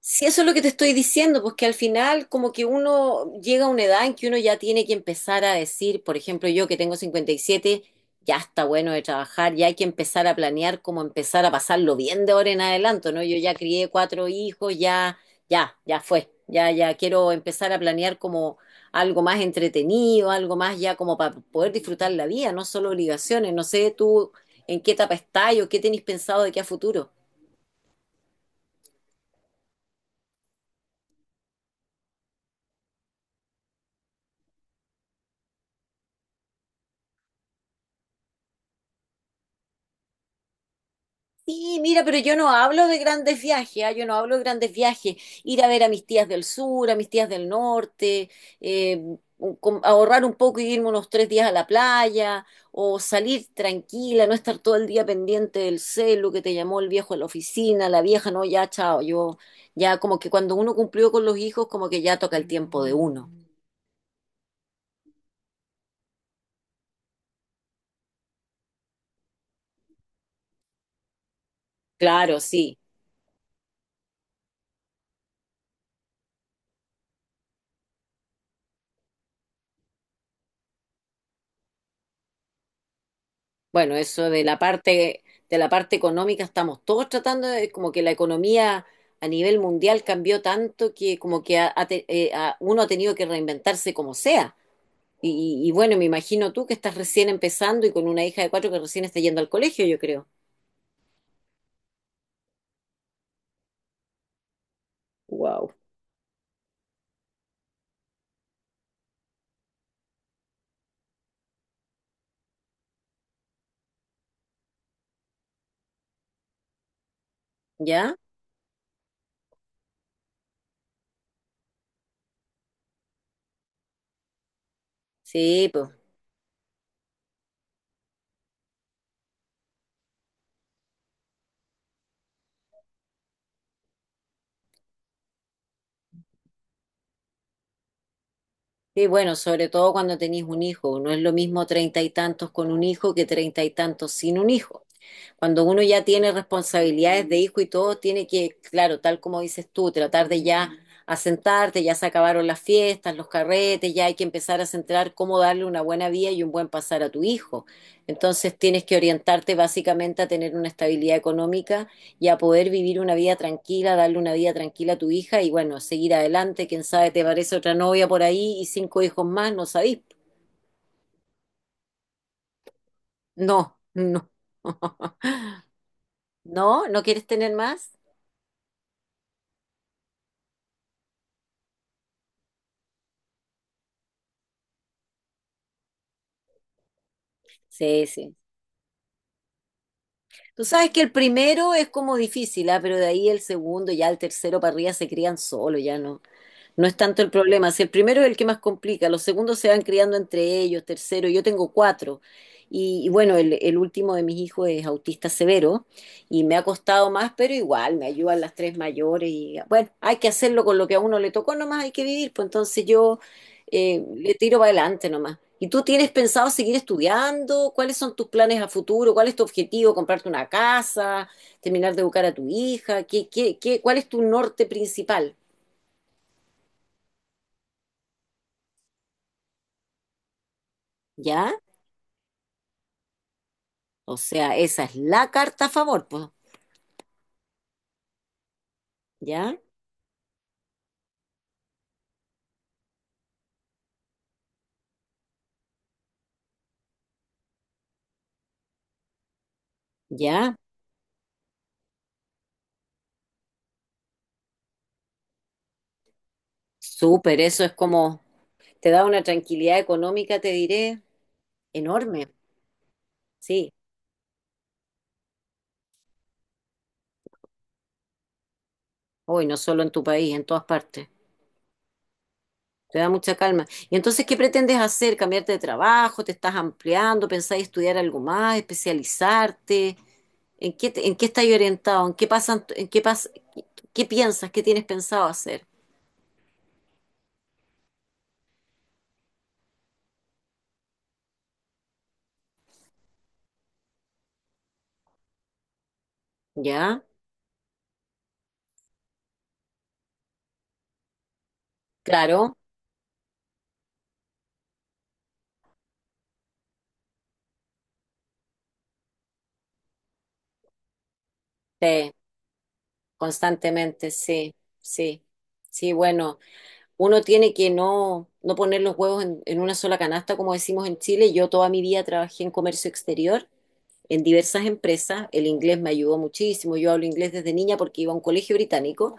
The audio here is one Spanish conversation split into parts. Sí, eso es lo que te estoy diciendo, pues que al final como que uno llega a una edad en que uno ya tiene que empezar a decir, por ejemplo, yo que tengo 57, ya está bueno de trabajar, ya hay que empezar a planear cómo empezar a pasarlo bien de ahora en adelante, ¿no? Yo ya crié cuatro hijos, ya, ya, ya fue, ya, ya quiero empezar a planear como algo más entretenido, algo más ya como para poder disfrutar la vida, no solo obligaciones, no sé tú en qué etapa estás o qué tenés pensado de qué a futuro. Sí, mira, pero yo no hablo de grandes viajes, ¿ah? Yo no hablo de grandes viajes. Ir a ver a mis tías del sur, a mis tías del norte, eh, ahorrar un poco y irme unos 3 días a la playa, o salir tranquila, no estar todo el día pendiente del celu que te llamó el viejo a la oficina, la vieja, no, ya, chao. Yo, ya como que cuando uno cumplió con los hijos, como que ya toca el tiempo de uno. Claro, sí. Bueno, eso de la parte económica estamos todos tratando de, como que la economía a nivel mundial cambió tanto que como que uno ha tenido que reinventarse como sea. Y bueno, me imagino tú que estás recién empezando y con una hija de cuatro que recién está yendo al colegio, yo creo. Wow. ¿Ya? Sí, pues. Sí, bueno, sobre todo cuando tenés un hijo. No es lo mismo treinta y tantos con un hijo que treinta y tantos sin un hijo. Cuando uno ya tiene responsabilidades de hijo y todo, tiene que, claro, tal como dices tú, tratar de ya asentarte, ya se acabaron las fiestas, los carretes, ya hay que empezar a centrar cómo darle una buena vida y un buen pasar a tu hijo. Entonces tienes que orientarte básicamente a tener una estabilidad económica y a poder vivir una vida tranquila, darle una vida tranquila a tu hija y bueno, seguir adelante. Quién sabe, te parece otra novia por ahí y cinco hijos más, no sabís. No, no. ¿No? ¿No quieres tener más? Sí, sí. Tú sabes que el primero es como difícil, ¿ah? Pero de ahí el segundo, ya el tercero para arriba se crían solo, ya no, no es tanto el problema. Si el primero es el que más complica, los segundos se van criando entre ellos, tercero, yo tengo cuatro. Y bueno, el último de mis hijos es autista severo y me ha costado más, pero igual me ayudan las tres mayores. Y bueno, hay que hacerlo con lo que a uno le tocó, nomás hay que vivir. Pues entonces yo le tiro para adelante nomás. ¿Y tú tienes pensado seguir estudiando? ¿Cuáles son tus planes a futuro? ¿Cuál es tu objetivo? ¿Comprarte una casa? ¿Terminar de educar a tu hija? ¿ cuál es tu norte principal? ¿Ya? O sea, esa es la carta a favor, pues. ¿Ya? ¿Ya? Súper, eso es como, te da una tranquilidad económica, te diré, enorme. Sí, hoy no solo en tu país, en todas partes. Te da mucha calma. Y entonces, ¿qué pretendes hacer? ¿Cambiarte de trabajo? ¿Te estás ampliando? ¿Pensás estudiar algo más? ¿Especializarte? ¿En qué, en qué estás orientado? ¿En qué pasan, en qué pas, ¿qué piensas? ¿Qué tienes pensado hacer? ¿Ya? Claro, sí, constantemente, sí, sí. Sí, bueno. Uno tiene que no, no poner los huevos en, una sola canasta, como decimos en Chile. Yo toda mi vida trabajé en comercio exterior, en diversas empresas. El inglés me ayudó muchísimo. Yo hablo inglés desde niña porque iba a un colegio británico.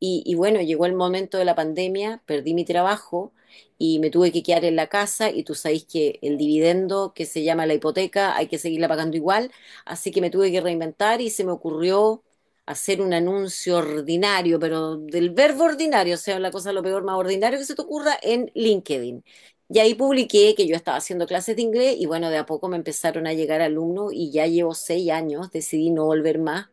Y bueno, llegó el momento de la pandemia, perdí mi trabajo y me tuve que quedar en la casa y tú sabéis que el dividendo que se llama la hipoteca hay que seguirla pagando igual, así que me tuve que reinventar y se me ocurrió hacer un anuncio ordinario, pero del verbo ordinario, o sea, la cosa lo peor más ordinario que se te ocurra en LinkedIn. Y ahí publiqué que yo estaba haciendo clases de inglés y bueno, de a poco me empezaron a llegar alumnos y ya llevo 6 años, decidí no volver más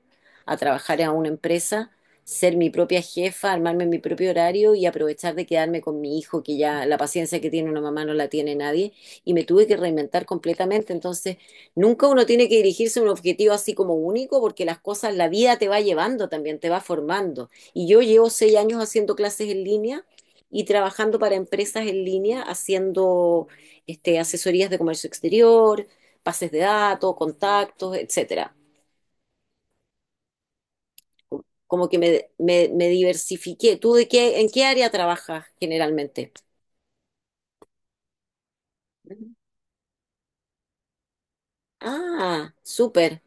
a trabajar en una empresa ser mi propia jefa, armarme mi propio horario y aprovechar de quedarme con mi hijo, que ya la paciencia que tiene una mamá no la tiene nadie, y me tuve que reinventar completamente. Entonces, nunca uno tiene que dirigirse a un objetivo así como único, porque las cosas, la vida te va llevando también, te va formando. Y yo llevo 6 años haciendo clases en línea y trabajando para empresas en línea, haciendo este, asesorías de comercio exterior, pases de datos, contactos, etcétera como que me diversifiqué. ¿Tú de qué, en qué área trabajas generalmente? Ujú. Ah, súper,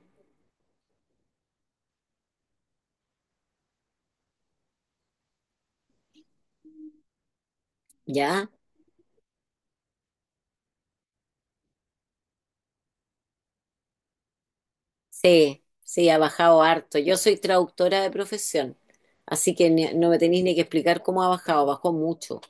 ya. Sí, sí, ha bajado harto. Yo soy traductora de profesión, así que no me tenéis ni que explicar cómo ha bajado, bajó mucho.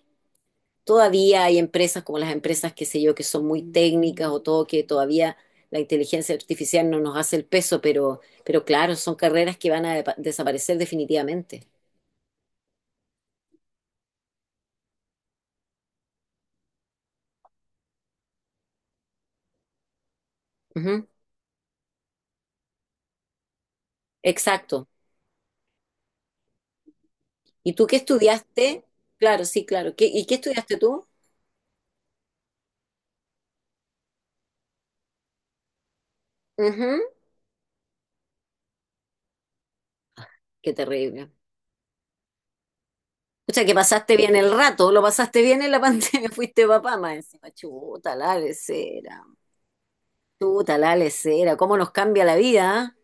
Todavía hay empresas como las empresas, qué sé yo, que son muy técnicas o todo, que todavía la inteligencia artificial no nos hace el peso, pero, claro, son carreras que van a desaparecer definitivamente. Ujú. Exacto. ¿Y tú qué estudiaste? Claro, sí, claro. ¿Y qué estudiaste tú? Ujú. Qué terrible. O sea, que pasaste bien el rato, lo pasaste bien en la pandemia, fuiste papá más encima. Chuta la lesera, cómo nos cambia la vida, ¿ah?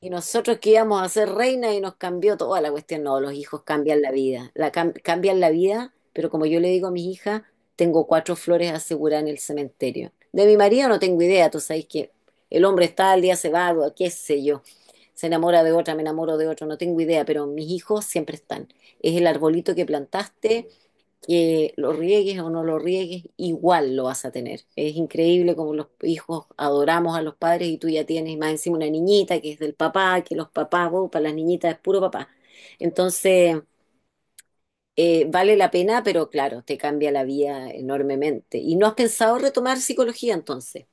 Y nosotros que íbamos a ser reina y nos cambió toda la cuestión. No, los hijos cambian la vida, la cambian la vida, pero como yo le digo a mis hijas, tengo cuatro flores aseguradas en el cementerio. De mi marido no tengo idea, tú sabes que el hombre está al día se va, qué sé yo, se enamora de otra, me enamoro de otro, no tengo idea, pero mis hijos siempre están. Es el arbolito que plantaste, que lo riegues o no lo riegues, igual lo vas a tener. Es increíble como los hijos adoramos a los padres y tú ya tienes más encima una niñita que es del papá, que los papás, vos, para las niñitas es puro papá. Entonces, vale la pena, pero claro, te cambia la vida enormemente. ¿Y no has pensado retomar psicología entonces?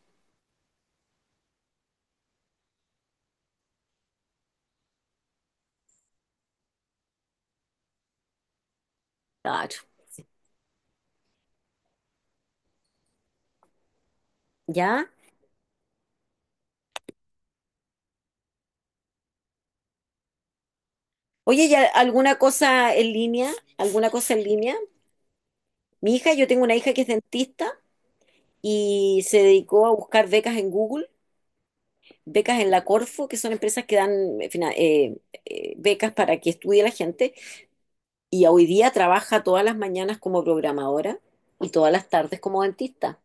Claro, ¿ya? Oye, ¿y alguna cosa en línea? ¿Alguna cosa en línea? Mi hija, yo tengo una hija que es dentista y se dedicó a buscar becas en Google, becas en la Corfo, que son empresas que dan becas para que estudie la gente, y hoy día trabaja todas las mañanas como programadora y todas las tardes como dentista.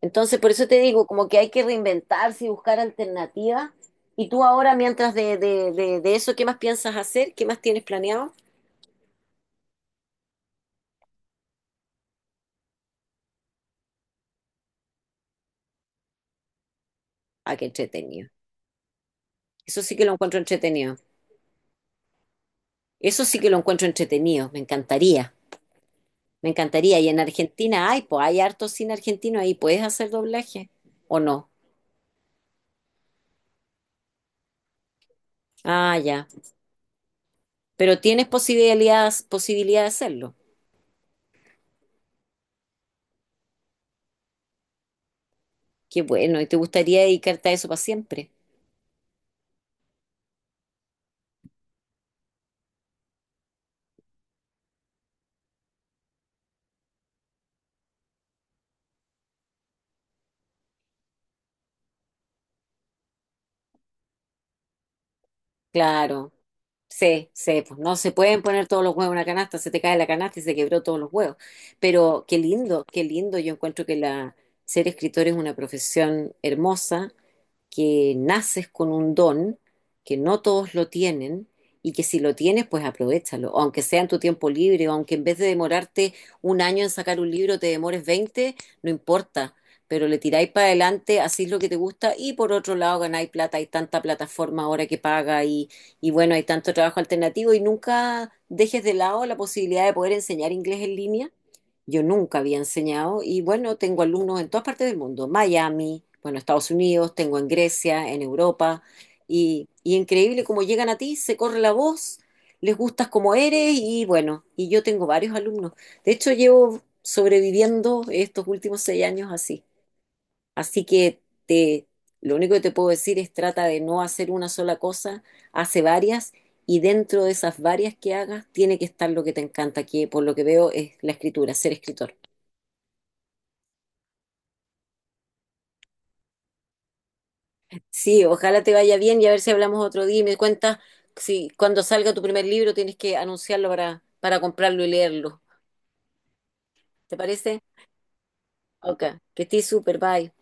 Entonces, por eso te digo, como que hay que reinventarse y buscar alternativas. Y tú ahora, mientras de eso, ¿qué más piensas hacer? ¿Qué más tienes planeado? Ah, qué entretenido. Eso sí que lo encuentro entretenido. Eso sí que lo encuentro entretenido. Me encantaría. Me encantaría. Y en Argentina hay, pues hay harto cine argentino ahí. ¿Puedes hacer doblaje o no? Ah, ya. Pero tienes posibilidad, posibilidad de hacerlo. Qué bueno. ¿Y te gustaría dedicarte a eso para siempre? Claro. Sí, sí. Pues no se pueden poner todos los huevos en una canasta. Se te cae la canasta y se quebró todos los huevos. Pero qué lindo, qué lindo. Yo encuentro que la ser escritor es una profesión hermosa que naces con un don que no todos lo tienen y que si lo tienes, pues aprovéchalo, o aunque sea en tu tiempo libre, o aunque en vez de demorarte un año en sacar un libro te demores 20, no importa, pero le tiráis para adelante, hacéis lo que te gusta y por otro lado ganáis plata, hay tanta plataforma ahora que paga y bueno, hay tanto trabajo alternativo y nunca dejes de lado la posibilidad de poder enseñar inglés en línea. Yo nunca había enseñado y bueno, tengo alumnos en todas partes del mundo, Miami, bueno, Estados Unidos, tengo en Grecia, en Europa y increíble cómo llegan a ti, se corre la voz, les gustas como eres y bueno, y yo tengo varios alumnos. De hecho, llevo sobreviviendo estos últimos 6 años así. Así que te, lo único que te puedo decir es trata de no hacer una sola cosa, hace varias y dentro de esas varias que hagas tiene que estar lo que te encanta, que por lo que veo es la escritura, ser escritor. Sí, ojalá te vaya bien y a ver si hablamos otro día y me cuentas si cuando salga tu primer libro tienes que anunciarlo para, comprarlo y leerlo. ¿Te parece? Ok, que estés súper, bye.